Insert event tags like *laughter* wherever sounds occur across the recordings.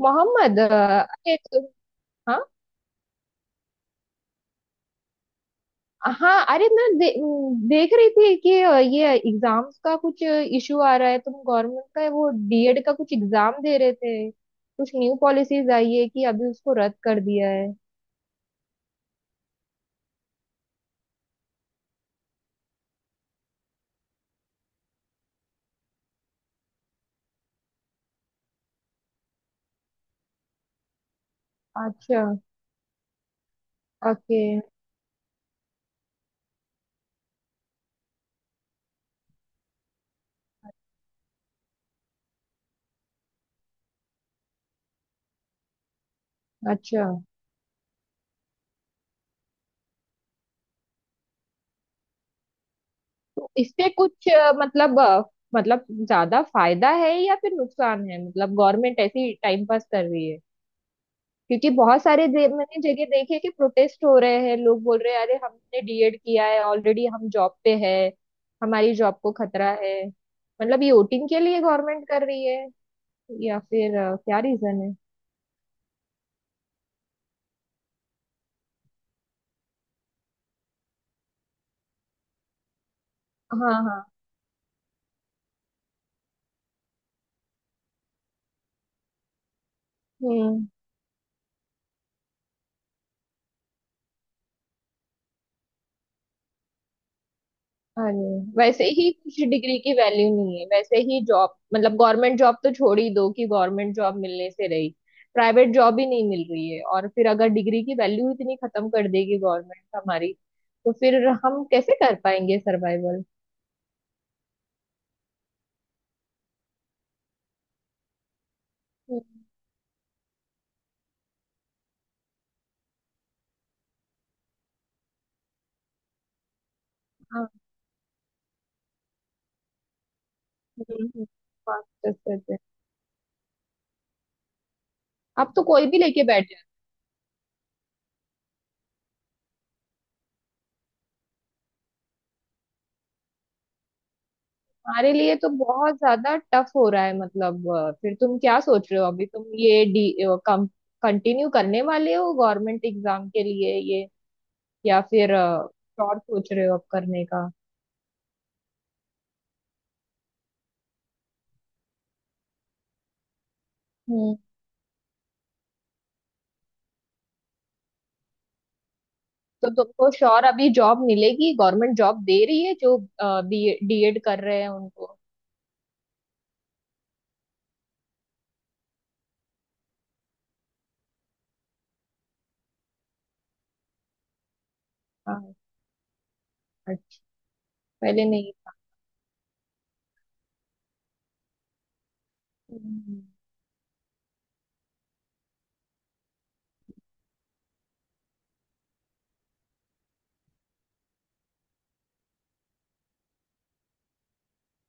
मोहम्मद। अरे तो, हाँ, हाँ। अरे, मैं देख रही थी कि ये एग्जाम्स का कुछ इशू आ रहा है। तुम गवर्नमेंट का वो डीएड का कुछ एग्जाम दे रहे थे। कुछ न्यू पॉलिसीज आई है कि अभी उसको रद्द कर दिया है। अच्छा। ओके। अच्छा। तो इससे कुछ मतलब ज्यादा फायदा है या फिर नुकसान है? मतलब गवर्नमेंट ऐसी टाइम पास कर रही है, क्योंकि बहुत सारे मैंने जगह देखे हैं कि प्रोटेस्ट हो रहे हैं। लोग बोल रहे हैं, अरे, हमने डीएड किया है ऑलरेडी, हम जॉब पे है, हमारी जॉब को खतरा है। मतलब ये वोटिंग के लिए गवर्नमेंट कर रही है या फिर क्या रीजन है? हाँ, हाँ। हम्म। हाँ जी। वैसे ही कुछ डिग्री की वैल्यू नहीं है, वैसे ही जॉब, मतलब गवर्नमेंट जॉब तो छोड़ ही दो, कि गवर्नमेंट जॉब मिलने से रही। प्राइवेट जॉब ही नहीं मिल रही है, और फिर अगर डिग्री की वैल्यू इतनी खत्म कर देगी गवर्नमेंट हमारी, तो फिर हम कैसे कर पाएंगे सर्वाइवल? हाँ। हम्म। मास्टर्स करते हैं। अब तो कोई भी लेके बैठ जाए। हमारे लिए तो बहुत ज्यादा टफ हो रहा है, मतलब फिर तुम क्या सोच रहे हो? अभी तुम ये डी कंटिन्यू करने वाले हो गवर्नमेंट एग्जाम के लिए या फिर श्योर सोच रहे हो अब करने का? हम्म। तो तुमको श्योर अभी जॉब मिलेगी? गवर्नमेंट जॉब दे रही है जो डीएड कर रहे हैं उनको। हाँ। अच्छा। पहले नहीं था। हम्म।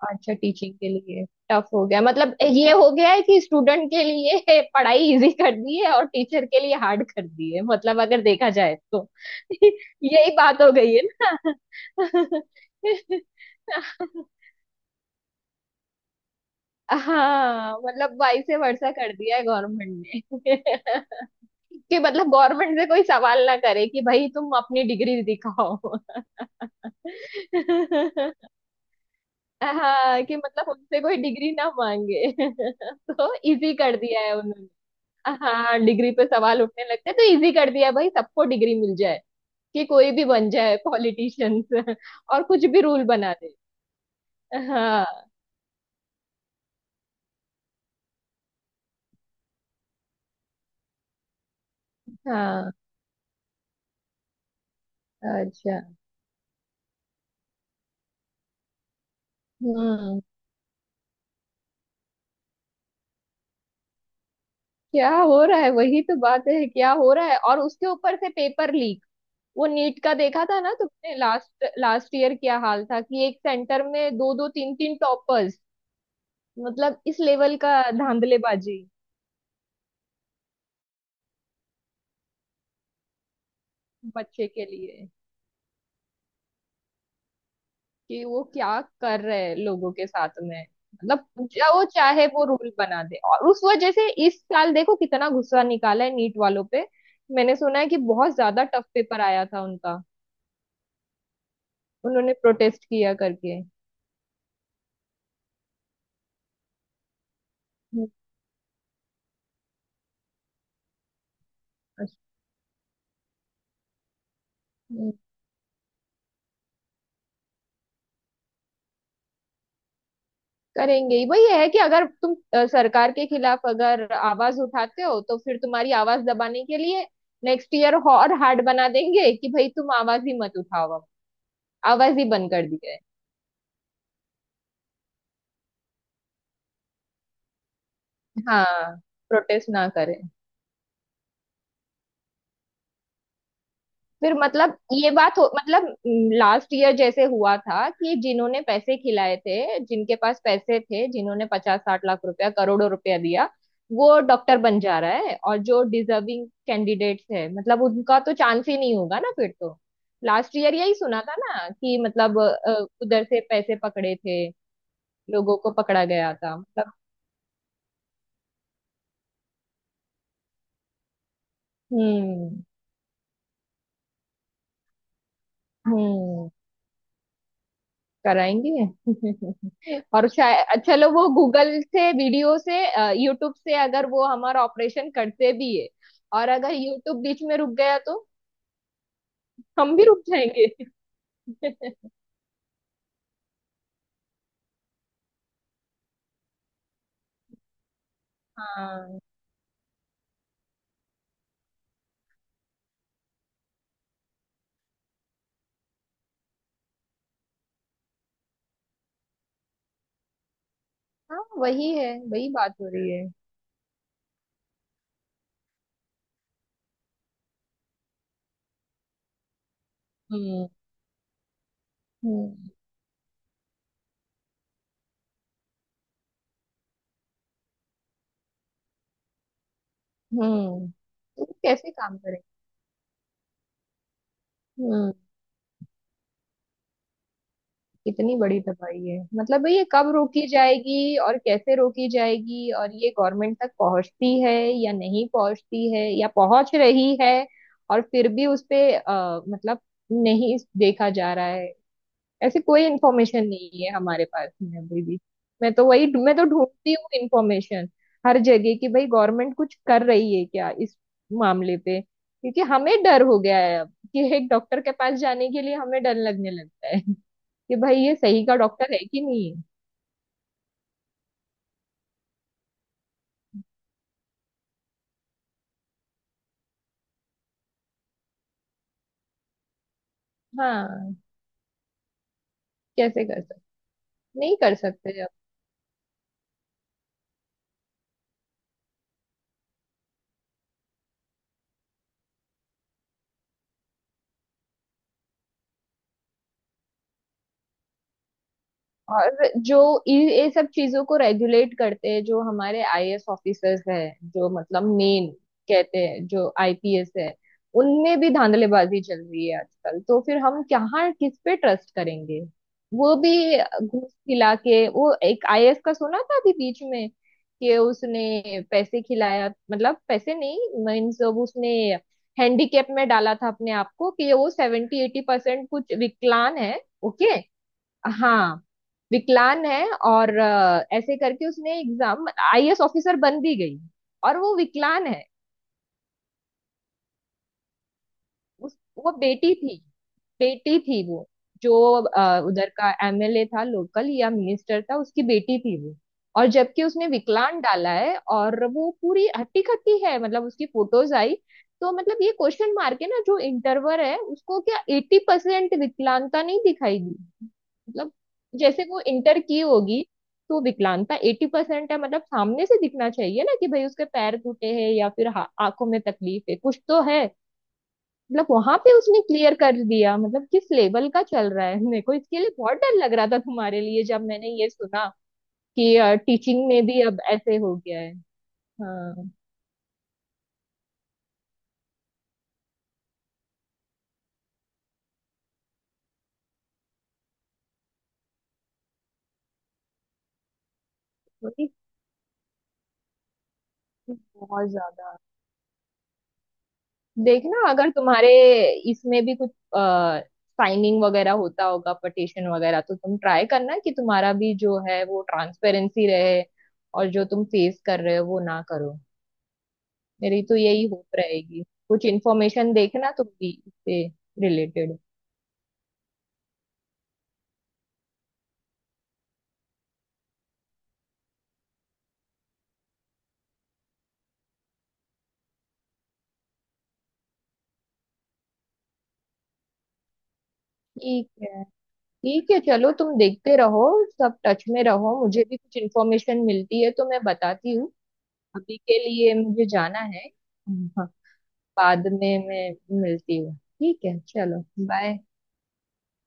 अच्छा। टीचिंग के लिए टफ हो गया? मतलब ये हो गया है कि स्टूडेंट के लिए *laughs* पढ़ाई इजी कर दी है और टीचर के लिए हार्ड कर दी है, मतलब अगर देखा जाए तो। *laughs* यही बात हो गई है ना। *laughs* हाँ, मतलब वाई से वर्षा कर दिया है गवर्नमेंट ने। *laughs* कि मतलब गवर्नमेंट से कोई सवाल ना करे कि भाई तुम अपनी डिग्री दिखाओ। *laughs* हाँ, कि मतलब उनसे कोई डिग्री ना मांगे। *laughs* तो इजी कर दिया है उन्होंने। हाँ, डिग्री पे सवाल उठने लगते हैं तो इजी कर दिया है, भाई सबको डिग्री मिल जाए, कि कोई भी बन जाए पॉलिटिशियंस *laughs* और कुछ भी रूल बना दे। हाँ, हाँ। अच्छा। हम्म। क्या हो रहा है, वही तो बात है, क्या हो रहा है? और उसके ऊपर से पेपर लीक। वो नीट का देखा था ना तुमने लास्ट लास्ट ईयर क्या हाल था, कि एक सेंटर में दो दो, तीन तीन टॉपर्स। मतलब इस लेवल का धांधलेबाजी। बच्चे के लिए कि वो क्या कर रहे हैं लोगों के साथ में। मतलब जो वो चाहे वो रूल बना दे, और उस वजह से इस साल देखो कितना गुस्सा निकाला है नीट वालों पे। मैंने सुना है कि बहुत ज्यादा टफ पेपर आया था उनका। उन्होंने प्रोटेस्ट किया करके। हम्म। अच्छा। करेंगे ही। वही है कि अगर तुम सरकार के खिलाफ अगर आवाज उठाते हो, तो फिर तुम्हारी आवाज दबाने के लिए नेक्स्ट ईयर और हार्ड बना देंगे, कि भाई तुम आवाज ही मत उठाओ अब। आवाज ही बंद कर दी जाए। हाँ। प्रोटेस्ट ना करें। फिर मतलब ये बात हो, मतलब लास्ट ईयर जैसे हुआ था कि जिन्होंने पैसे खिलाए थे, जिनके पास पैसे थे, जिन्होंने 50-60 लाख रुपया, करोड़ों रुपया दिया, वो डॉक्टर बन जा रहा है, और जो डिजर्विंग कैंडिडेट्स है, मतलब उनका तो चांस ही नहीं होगा ना फिर तो। लास्ट ईयर यही सुना था ना, कि मतलब उधर से पैसे पकड़े थे, लोगों को पकड़ा गया था, मतलब। हम्म, हम्म। कराएंगे। *laughs* और शायद, चलो, वो गूगल से, वीडियो से, यूट्यूब से अगर वो हमारा ऑपरेशन करते भी है, और अगर यूट्यूब बीच में रुक गया, तो हम भी रुक जाएंगे। *laughs* हाँ, हाँ। वही है, वही बात हो रही है। हम्म, हम्म, हम्म। तो कैसे काम करें? हम्म। कितनी बड़ी तबाही है, मतलब भाई ये कब रोकी जाएगी और कैसे रोकी जाएगी? और ये गवर्नमेंट तक पहुंचती है या नहीं पहुंचती है, या पहुंच रही है? और फिर भी उस पे मतलब नहीं देखा जा रहा है। ऐसी कोई इंफॉर्मेशन नहीं है हमारे पास में अभी भी। मैं तो ढूंढती हूँ इंफॉर्मेशन हर जगह कि भाई गवर्नमेंट कुछ कर रही है क्या इस मामले पे, क्योंकि हमें डर हो गया है अब, कि एक डॉक्टर के पास जाने के लिए हमें डर लगने लगता है, कि भाई ये सही का डॉक्टर है कि नहीं है। हाँ, कैसे कर सकते? नहीं कर सकते। और जो ये सब चीजों को रेगुलेट करते हैं, जो हमारे आईएएस ऑफिसर्स हैं, जो मतलब मेन कहते हैं, जो आईपीएस है, उनमें भी धांधलेबाजी चल रही है आजकल, तो फिर हम कहाँ, किस पे ट्रस्ट करेंगे? वो भी घूस खिला के। वो एक आईएएस का सुना था अभी बीच में, कि उसने पैसे खिलाया, मतलब पैसे नहीं, मीन्स उसने हैंडीकेप में डाला था अपने आप को, कि वो 70-80% कुछ विकलांग है। ओके। हाँ, विकलांग है, और ऐसे करके उसने एग्जाम आईएएस ऑफिसर बन भी गई, और वो विकलांग है। उस वो बेटी थी वो, जो उधर का एमएलए था लोकल, या मिनिस्टर था, उसकी बेटी थी वो। और जबकि उसने विकलांग डाला है, और वो पूरी हट्टी कट्टी है, मतलब उसकी फोटोज आई। तो मतलब ये क्वेश्चन मार्क है ना, जो इंटरवर है उसको क्या 80% विकलांगता नहीं दिखाई दी? मतलब जैसे वो इंटर की होगी, तो विकलांगता 80% है, मतलब सामने से दिखना चाहिए ना, कि भाई उसके पैर टूटे हैं, या फिर आंखों में तकलीफ है, कुछ तो है। मतलब वहां पे उसने क्लियर कर दिया, मतलब किस लेवल का चल रहा है। मेरे को इसके लिए बहुत डर लग रहा था तुम्हारे लिए, जब मैंने ये सुना कि टीचिंग में भी अब ऐसे हो गया है। हाँ, वही। बहुत ज्यादा। देखना, अगर तुम्हारे इसमें भी कुछ साइनिंग वगैरह होता होगा, पटिशन वगैरह, तो तुम ट्राई करना कि तुम्हारा भी जो है वो ट्रांसपेरेंसी रहे, और जो तुम फेस कर रहे हो वो ना करो। मेरी तो यही होप रहेगी। कुछ इन्फॉर्मेशन देखना तुम भी इससे रिलेटेड। ठीक है, ठीक है। चलो तुम देखते रहो। सब टच में रहो, मुझे भी कुछ इन्फॉर्मेशन मिलती है तो मैं बताती हूँ। अभी के लिए मुझे जाना है। हाँ, बाद में मैं मिलती हूँ। ठीक है, चलो। बाय।